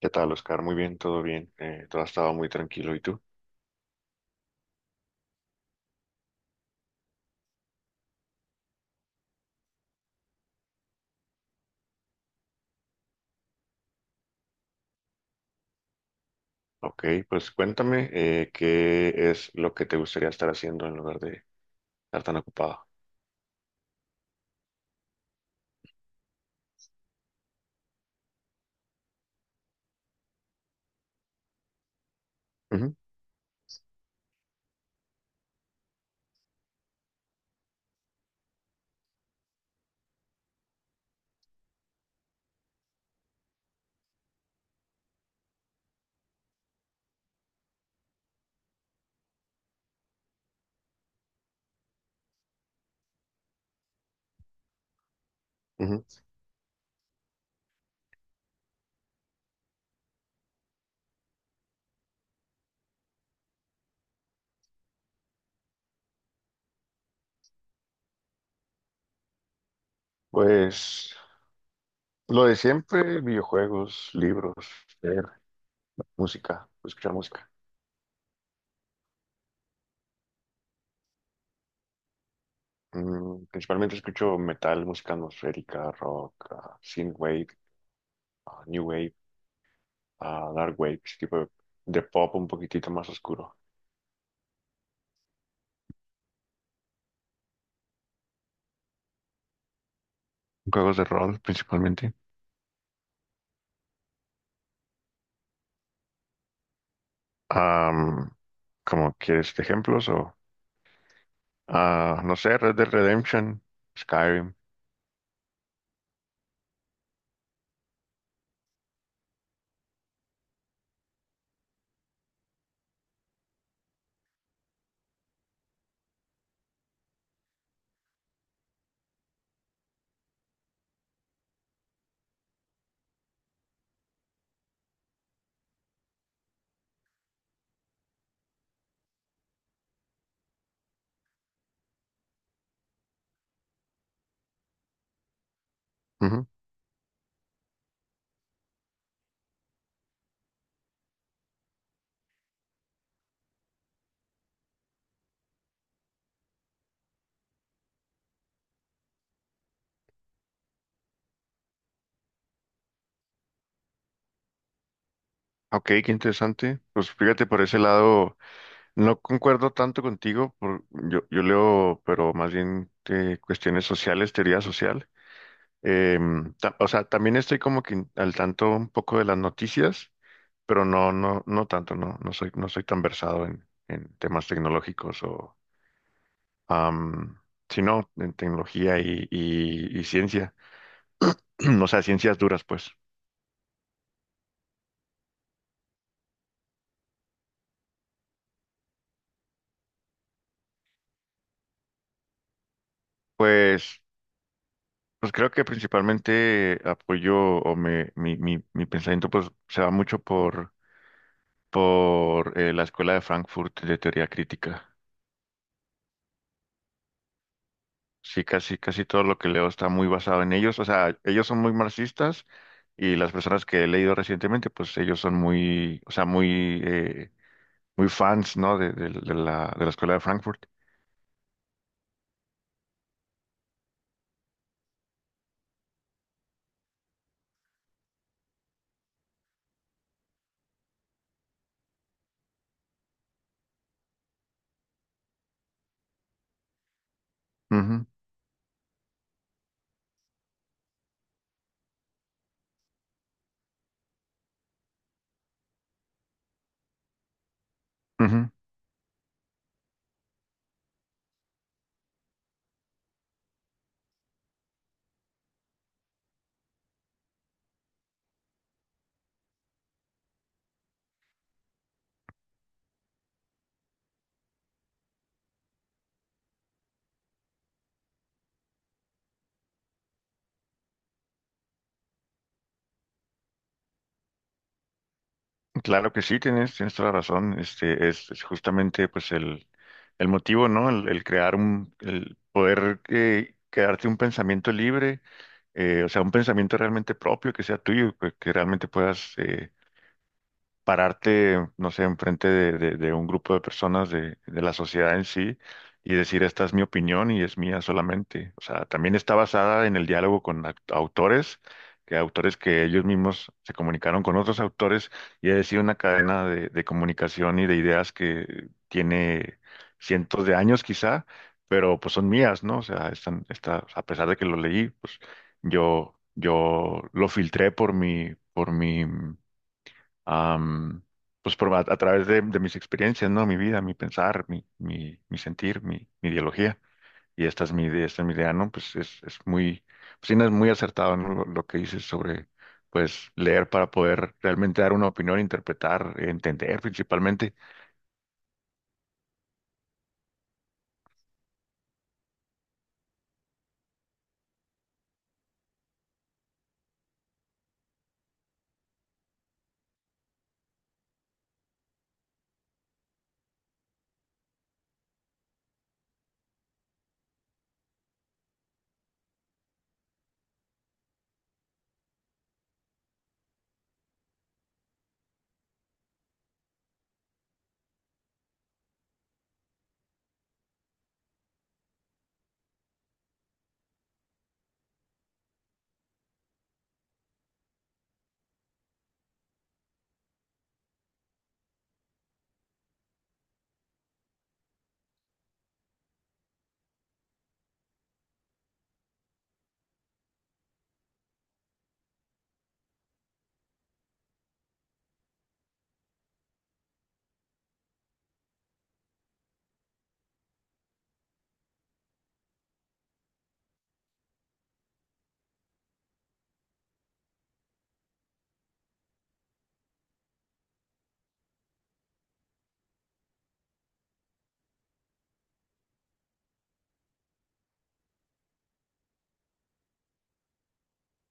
¿Qué tal, Oscar? Muy bien, todo bien. Todo ha estado muy tranquilo. ¿Y tú? Ok, pues cuéntame qué es lo que te gustaría estar haciendo en lugar de estar tan ocupado. Ujú, ujú. Pues lo de siempre: videojuegos, libros, leer, música, escuchar música. Mm, principalmente escucho metal, música atmosférica, rock, synthwave, new wave, dark wave, ese tipo de pop un poquitito más oscuro. Juegos de rol, principalmente. Am, ¿Cómo quieres ejemplos? No sé, Red Dead Redemption, Skyrim. Ujú. Ok, qué interesante. Pues fíjate, por ese lado no concuerdo tanto contigo. Yo leo, pero más bien cuestiones sociales, teoría social. O sea, también estoy como que al tanto un poco de las noticias, pero no, no, no tanto. No, no soy, no soy tan versado en temas tecnológicos am, sino en tecnología y ciencia. O sea, ciencias duras, pues. Pues, pues creo que principalmente apoyo o mi pensamiento pues se va mucho por la Escuela de Frankfurt de teoría crítica. Sí, casi, casi todo lo que leo está muy basado en ellos. O sea, ellos son muy marxistas, y las personas que he leído recientemente, pues ellos son muy, o sea, muy, muy fans, ¿no? De la Escuela de Frankfurt. Ujú, ujú. Claro que sí, tienes, tienes toda la razón. Es justamente pues el motivo, ¿no? El crear un, el poder quedarte un pensamiento libre. O sea, un pensamiento realmente propio que sea tuyo, que realmente puedas pararte, no sé, enfrente de un grupo de personas de la sociedad en sí y decir: esta es mi opinión y es mía solamente. O sea, también está basada en el diálogo con autores que ellos mismos se comunicaron con otros autores, y ha sido una cadena de comunicación y de ideas que tiene cientos de años quizá, pero pues son mías, ¿no? O sea, están, está, a pesar de que lo leí, pues yo lo filtré am, pues por, a través de mis experiencias, ¿no? Mi vida, mi pensar, mi sentir, mi ideología. Y esta es mi idea, esta es mi idea, ¿no? Pues es muy, pues sí, no, es muy acertado, ¿no? Lo que dices sobre, pues, leer para poder realmente dar una opinión, interpretar, entender principalmente.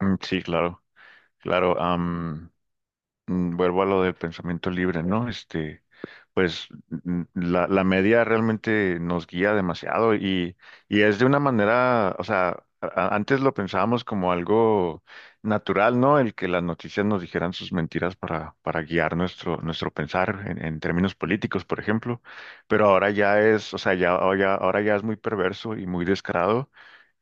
Mm, sí, claro, claro. Vuelvo a lo del pensamiento libre, ¿no? Pues la, la media realmente nos guía demasiado, y es de una manera, o sea, antes lo pensábamos como algo natural, ¿no? El que las noticias nos dijeran sus mentiras para guiar nuestro, nuestro pensar en términos políticos, por ejemplo. Pero ahora ya es, o sea, ya, ahora ya es muy perverso y muy descarado.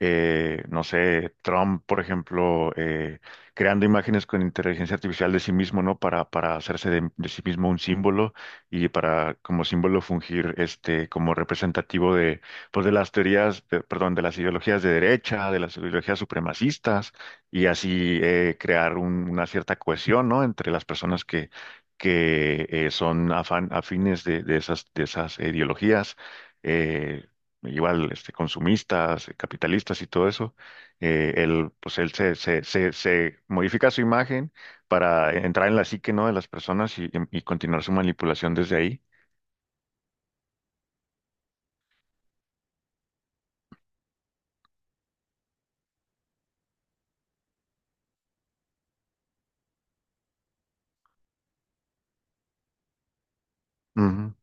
No sé, Trump, por ejemplo, creando imágenes con inteligencia artificial de sí mismo, ¿no? Para hacerse de sí mismo un símbolo, y para como símbolo fungir este como representativo de, pues, de las teorías, de- perdón, de las ideologías de derecha, de las ideologías supremacistas, y así crear un- una cierta cohesión, ¿no? Entre las personas que son afines de esas ideologías, eh, igual este consumistas, capitalistas y todo eso. Él, pues él se modifica su imagen para entrar en la psique, ¿no? De las personas, y continuar su manipulación desde ahí. Ujú.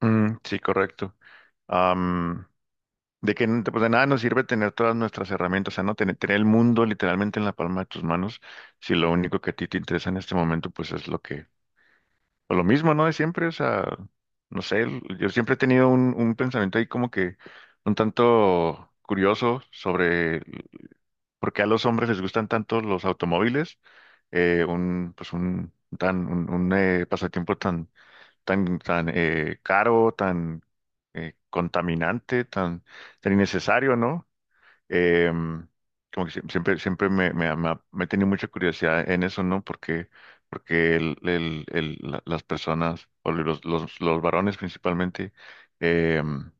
Mm, sí, correcto. Am, de que pues de nada nos sirve tener todas nuestras herramientas, o sea, no tener, tener el mundo literalmente en la palma de tus manos, si lo único que a ti te interesa en este momento pues es lo que, o lo mismo, ¿no? De siempre. O sea, no sé, yo siempre he tenido un pensamiento ahí como que un tanto curioso sobre porque a los hombres les gustan tanto los automóviles. Un, pues un, tan, un, pasatiempo tan, tan, tan caro, tan contaminante, tan, tan innecesario, ¿no? Eh, Como que siempre, siempre me, me, me he tenido mucha curiosidad en eso, ¿no? Porque, porque las personas, o los varones principalmente, em,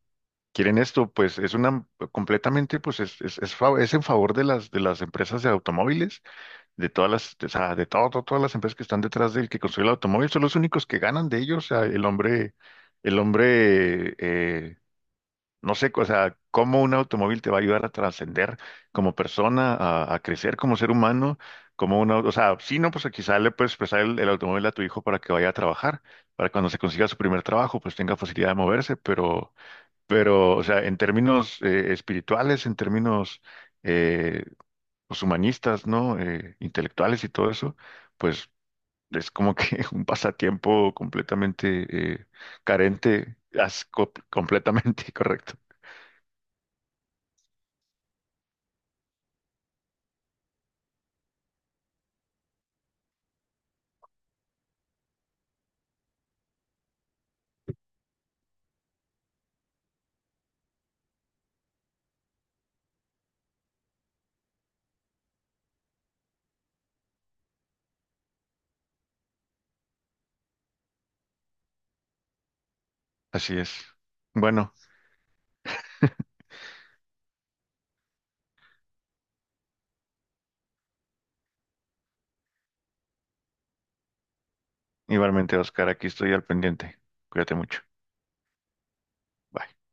quieren esto, pues es una completamente, pues es, es en favor de las empresas de automóviles, de todas las, de, o sea, de todas las empresas que están detrás del que construye el automóvil, son los únicos que ganan de ellos. O sea, el hombre, no sé, o sea, cómo un automóvil te va a ayudar a trascender como persona, a crecer como ser humano, como una, o sea, sí, no, pues quizá le puedes prestar el automóvil a tu hijo para que vaya a trabajar, para cuando se consiga su primer trabajo, pues tenga facilidad de moverse. Pero, o sea, en términos espirituales, en términos eh, pues, humanistas, ¿no? Intelectuales y todo eso, pues es como que un pasatiempo completamente eh, carente, completamente correcto. Así es. Bueno, igualmente, Oscar, aquí estoy al pendiente. Cuídate mucho. Bye.